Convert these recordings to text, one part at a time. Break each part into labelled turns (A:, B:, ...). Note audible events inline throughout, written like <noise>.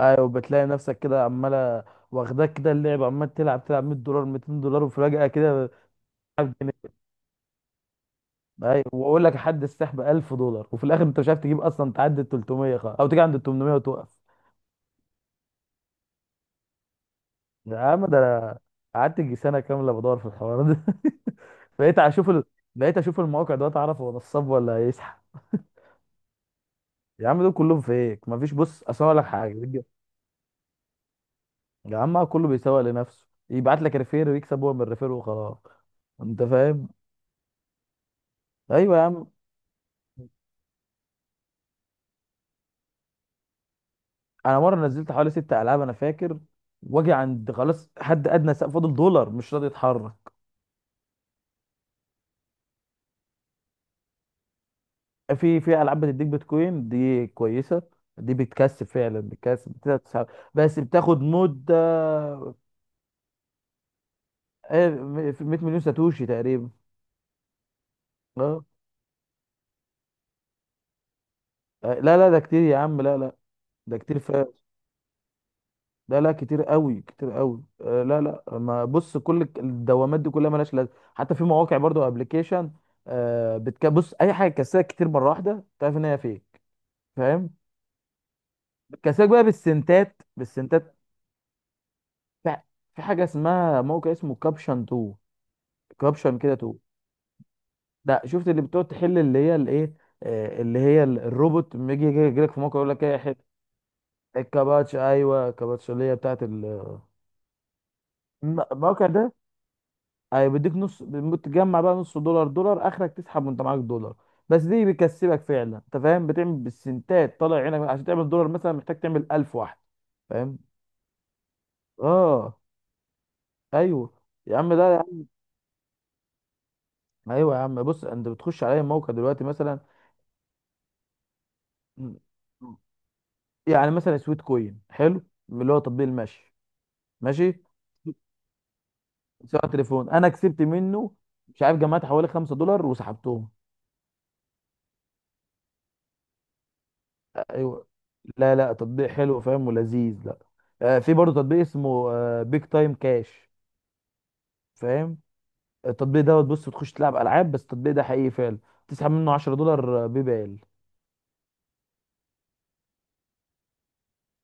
A: ايوه، بتلاقي نفسك كده عماله، واخداك كده اللعب، عمال تلعب تلعب $100 $200 وفجأة كده. ايوه، واقول لك حد السحب $1000، وفي الاخر انت مش عارف تجيب اصلا تعدي ال 300 او تيجي عند ال 800 وتقف. يا عم ده انا قعدت يجي سنه كامله بدور في الحوار ده. <laughs> بقيت اشوف ال... بقيت اشوف المواقع دلوقتي اعرف هو نصاب ولا هيسحب. يا عم دول كلهم فيك، مفيش. بص، اصل أنا اقول لك حاجه. يا عم، كله بيسوق لنفسه، يبعت لك ريفير ويكسب هو من الريفير وخلاص. انت فاهم؟ ايوه يا عم. انا مره نزلت حوالي ست العاب انا فاكر. واجي عند خلاص حد ادنى سقف فاضل دولار مش راضي يتحرك. في العاب بتديك بيتكوين دي كويسه، دي بتكسب فعلا، بتكسب، بتقدر تسحب، بس بتاخد مده. في 100 مليون ساتوشي تقريبا. اه. لا لا ده كتير يا عم، لا لا. ده كتير فعلا. لا لا كتير قوي كتير قوي. لا لا. ما بص، كل الدوامات دي كلها مالهاش لازمه، حتى في مواقع برضو ابلكيشن. بتبص اي حاجه تكسبك كتير مره واحده تعرف ان هي فيك. فاهم؟ كسبك بقى بالسنتات بالسنتات. في في حاجه اسمها، موقع اسمه كابشن 2، كابشن كده 2. ده شفت اللي بتقعد تحل، اللي هي الايه؟ اللي هي الروبوت لما يجي لك في موقع يقول لك ايه، حل. الكباتش، ايوه الكباتش اللي هي بتاعت الموقع ده. ايوه بيديك نص، بتجمع بقى نص دولار، دولار اخرك تسحب وانت معاك دولار. بس دي بيكسبك فعلا، انت فاهم، بتعمل بالسنتات طالع عينك عشان تعمل دولار، مثلا محتاج تعمل 1000 واحده. فاهم؟ اه. ايوه يا عم ده. ايوه يا عم، بص، انت بتخش على اي موقع دلوقتي مثلا. م- يعني مثلا سويت كوين حلو، اللي هو تطبيق المشي. ماشي، سواء تليفون. انا كسبت منه، مش عارف، جمعت حوالي $5 وسحبتهم. ايوه. لا لا تطبيق حلو فاهم ولذيذ، لا. في برضه تطبيق اسمه بيج تايم كاش. فاهم؟ التطبيق دوت، بص بتخش تلعب العاب بس التطبيق ده حقيقي فعلا، تسحب منه $10 بيبال.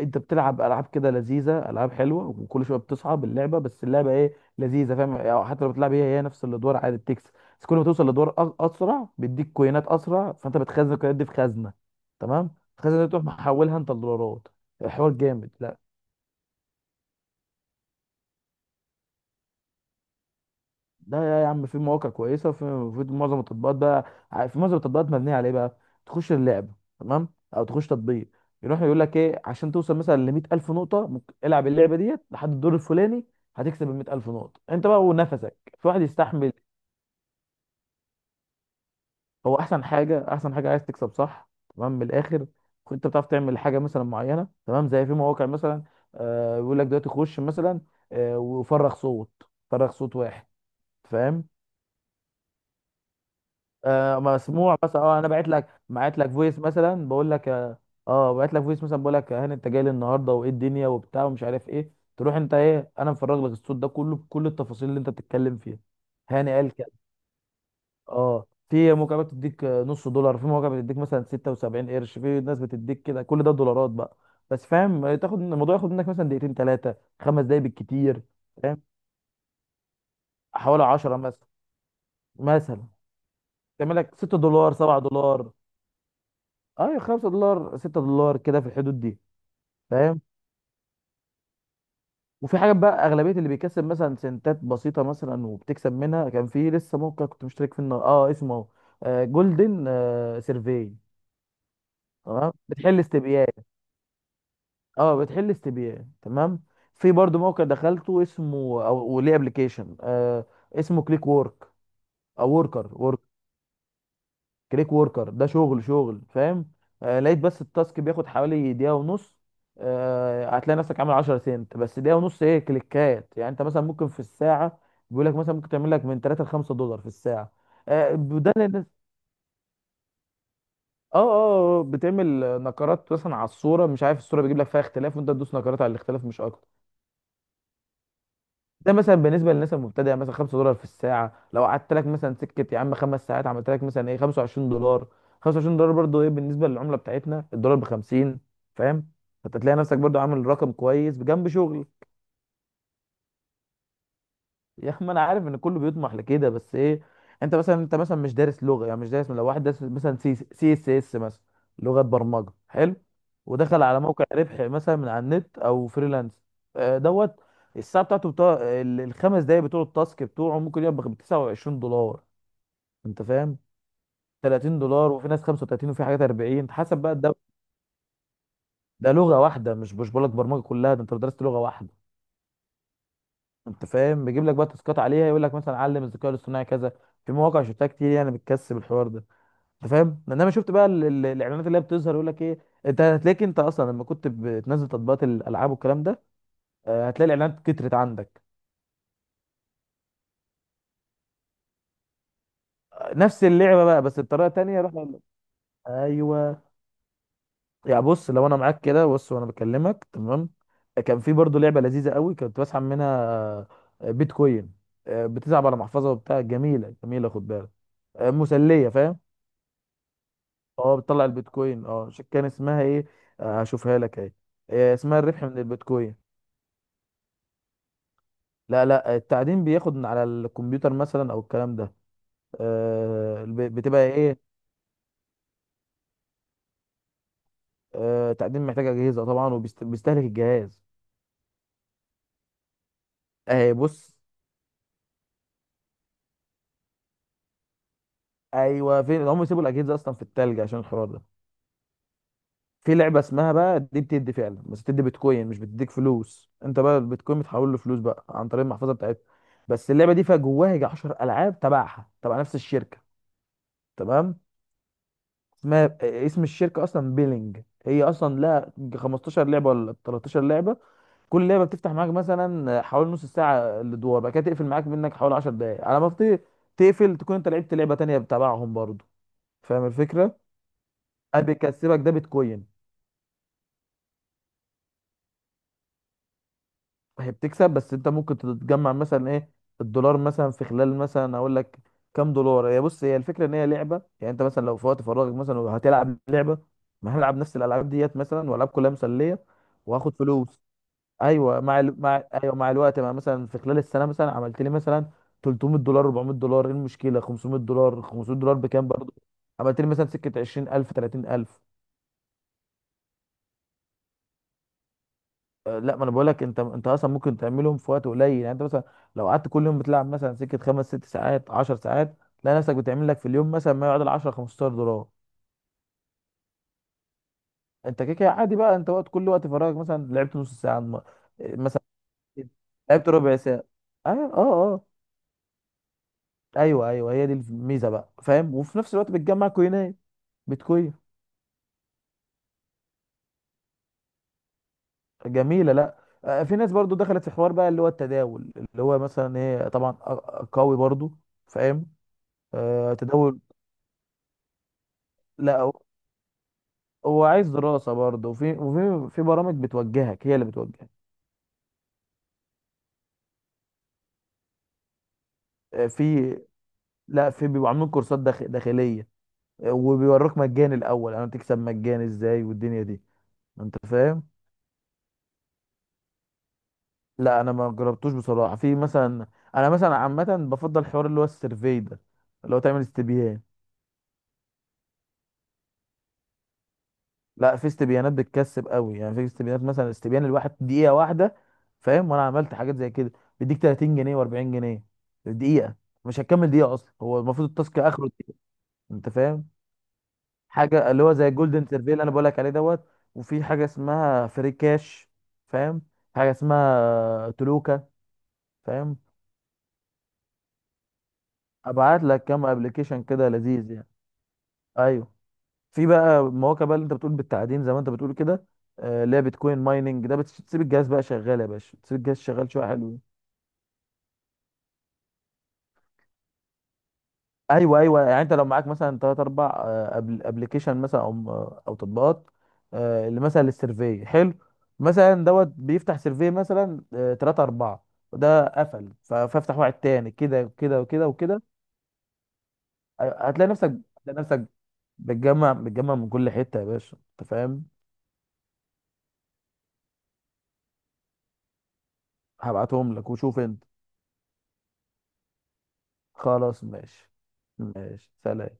A: انت بتلعب العاب كده لذيذه، العاب حلوه، وكل شويه بتصعب اللعبه، بس اللعبه ايه، لذيذه، فاهم يعني، حتى لو بتلعب هي هي نفس الادوار عادي بتكسب، بس كل ما توصل لدور اسرع بيديك كوينات اسرع، فانت بتخزن الكوينات دي في خزنه. تمام. الخزنه دي تروح محولها انت لدولارات. الحوار جامد، لا. ده يا عم في مواقع كويسه، وفي، في معظم التطبيقات بقى، في معظم التطبيقات مبنيه على ايه بقى؟ تخش اللعبه، تمام، او تخش تطبيق، يروح يقول لك ايه، عشان توصل مثلا ل 100,000 نقطه ممكن العب اللعبه ديت لحد الدور الفلاني، هتكسب ال 100,000 نقطه انت بقى، ونفسك في واحد يستحمل. هو احسن حاجه، احسن حاجه عايز تكسب صح، تمام، من الاخر. انت بتعرف تعمل حاجه مثلا معينه، تمام، زي في مواقع مثلا بيقول لك دلوقتي خش مثلا وفرغ صوت، فرغ صوت واحد. فاهم؟ مسموع، بس انا بعت لك فويس مثلا بقول لك اه، بعت لك فويس مثلا بقول لك، هاني انت جاي لي النهارده وايه الدنيا وبتاع ومش عارف ايه، تروح انت ايه، انا مفرغ لك الصوت ده كله بكل التفاصيل اللي انت بتتكلم فيها. هاني قال كده. اه، في موقع بتديك نص دولار، في موقع بتديك مثلا 76 قرش، في ناس بتديك كده، كل ده دولارات بقى. بس فاهم، تاخد الموضوع، ياخد منك مثلا دقيقتين ثلاثه، 5 دقايق بالكتير. فاهم؟ حوالي 10 مثلا. مثلا تعمل لك $6 $7. اه، $5 $6 كده في الحدود دي. فاهم؟ وفي حاجات بقى، اغلبيه اللي بيكسب مثلا سنتات بسيطه مثلا وبتكسب منها، كان في لسه موقع كنت مشترك فيه اسمه اهو، جولدن سيرفي. تمام، بتحل استبيان. اه بتحل استبيان، تمام. في برضو موقع دخلته اسمه، او وليه ابلكيشن، اسمه كليك وورك، او وركر. كليك وركر ده شغل شغل فاهم؟ لقيت بس التاسك بياخد حوالي دقيقة ونص. هتلاقي نفسك عامل 10 سنت بس، دقيقة ونص ايه كليكات. يعني انت مثلا ممكن في الساعة، بيقول لك مثلا ممكن تعمل لك من 3 ل $5 في الساعة. آه ده لأن- اه اه آه، بتعمل نقرات مثلا على الصورة، مش عارف، الصورة بيجيب لك فيها اختلاف وانت تدوس نقرات على الاختلاف، مش اكتر. ده مثلا بالنسبه للناس المبتدئه، يعني مثلا $5 في الساعه، لو قعدت لك مثلا سكه يا عم 5 ساعات عملت لك مثلا ايه، $25. $25 برضو ايه بالنسبه للعمله بتاعتنا، الدولار ب 50. فاهم؟ فانت تلاقي نفسك برضو عامل رقم كويس بجنب شغل. يا اخي ما انا عارف ان كله بيطمح لكده، بس ايه، انت مثلا مش دارس لغه، يعني مش دارس. لو واحد دارس مثلا سي اس اس مثلا، لغه برمجه، حلو ودخل على موقع ربح مثلا من على النت او فريلانس، دوت الساعه بتاعته، بتاع الخمس دقايق بتوع التاسك بتوعه ممكن يبقى ب $29. انت فاهم؟ $30، وفي ناس 35، وفي حاجات 40، حسب بقى ده. ده لغه واحده، مش بقول لك برمجه كلها، ده انت لو درست لغه واحده. انت فاهم، بيجيب لك بقى تاسكات عليها، يقول لك مثلا علم الذكاء الاصطناعي كذا. في مواقع شفتها كتير يعني بتكسب الحوار ده. انت فاهم، انما شفت بقى الاعلانات اللي هي بتظهر يقول لك ايه؟ انت هتلاقيك انت اصلا لما كنت بتنزل تطبيقات الالعاب والكلام ده هتلاقي الاعلانات كترت عندك. نفس اللعبه بقى بس بطريقه تانيه، رحنا قال لك. ايوه. يعني بص لو انا معاك كده، بص وانا بكلمك تمام، كان في برضه لعبه لذيذه قوي كنت بسحب منها، بيتكوين. بتلعب على محفظه وبتاع، جميله جميله، خد بالك، مسليه، فاهم؟ اه، بتطلع البيتكوين. كان اسمها ايه؟ هشوفها لك اهي. اسمها الربح من البيتكوين. لا لا، التعدين بياخد من على الكمبيوتر مثلا، او الكلام ده. بتبقى ايه. تعدين محتاج اجهزه طبعا، وبيستهلك الجهاز. اهي بص. ايوه فين هم يسيبوا الاجهزه اصلا في التلج عشان الحوار ده. في لعبه اسمها بقى، دي بتدي فعلا، بس بتدي بيتكوين، مش بتديك فلوس، انت بقى البيتكوين بتحول له فلوس بقى عن طريق المحفظه بتاعتها. بس اللعبه دي فيها جواها يجي 10 العاب تبعها، تبع نفس الشركه. تمام. ما اسم الشركه اصلا بيلينج، هي اصلا لها 15 لعبه ولا 13 لعبه. كل لعبه بتفتح معاك مثلا حوالي نص ساعه الادوار، بعد كده تقفل معاك منك حوالي 10 دقائق على ما تقفل، تكون انت لعبت لعبه تانية بتابعهم برضو. فاهم الفكره؟ بيكسبك ده بيتكوين. هي بتكسب، بس انت ممكن تتجمع مثلا ايه، الدولار مثلا في خلال مثلا، اقول لك كام دولار. هي بص، هي الفكره ان هي لعبه، يعني انت مثلا لو في وقت فراغك مثلا هتلعب لعبه، ما هنلعب نفس الالعاب ديت مثلا، والعاب كلها مسليه، وهاخد فلوس. ايوه، مع، ايوه، مع الوقت، مع مثلا في خلال السنه مثلا عملت لي مثلا $300 $400، ايه المشكله؟ $500 $500 بكام برضه. عملت لي مثلا سكه 20,000 30,000. لا، ما انا بقول لك، انت اصلا ممكن تعملهم في وقت قليل. يعني انت مثلا لو قعدت كل يوم بتلعب مثلا سكه خمس ست ساعات 10 ساعات، تلاقي نفسك بتعمل لك في اليوم مثلا ما يعادل 10 $15. انت كده كده عادي بقى، انت كل وقت فراغك مثلا لعبت نص ساعه مثلا لعبت ربع ساعه. ايوه اه اه. ايوه ايوه، هي دي الميزه بقى، فاهم، وفي نفس الوقت بتجمع كوينات، بتكوين. جميله، لا. في ناس برضو دخلت في حوار بقى، اللي هو التداول، اللي هو مثلا ايه، طبعا قوي برضو. فاهم. تداول. لا، هو، هو عايز دراسه برضو، وفي برامج بتوجهك، هي اللي بتوجهك. آه، في لا، في بيبقوا عاملين كورسات داخليه. وبيوروك مجاني الاول، يعني تكسب مجاني ازاي والدنيا دي. انت فاهم؟ لا انا ما جربتوش بصراحه، في مثلا، انا مثلا عامه بفضل حوار اللي هو السيرفي ده، اللي هو تعمل استبيان. لا، في استبيانات بتكسب قوي، يعني في استبيانات مثلا استبيان الواحد دقيقه واحده، فاهم؟ وانا عملت حاجات زي كده، بيديك 30 جنيه و40 جنيه، دقيقه. مش هتكمل دقيقه اصلا، هو المفروض التاسك اخره دقيقه. انت فاهم؟ حاجه اللي هو زي الجولدن سيرفي اللي انا بقول لك عليه دوت، وفي حاجه اسمها فري كاش، فاهم؟ حاجه اسمها تلوكا، فاهم؟ ابعت لك كام ابلكيشن كده لذيذ يعني. ايوه. في بقى مواقع بقى اللي انت بتقول بالتعدين، زي ما انت بتقول كده، اللي هي بيتكوين مايننج، ده بتسيب الجهاز بقى شغال يا باشا، تسيب الجهاز شغال شويه، حلوين. ايوه ايوه، يعني انت لو معاك مثلا ثلاث اربع ابلكيشن مثلا، او تطبيقات، اللي مثلا للسيرفي حلو، مثلا دوت بيفتح سيرفي مثلا ثلاثة أربعة، وده قفل فافتح واحد تاني كده وكده وكده وكده. أيوة، هتلاقي نفسك بتجمع من كل حتة يا باشا، انت فاهم. هبعتهم لك وشوف انت. خلاص ماشي. ماشي سلام.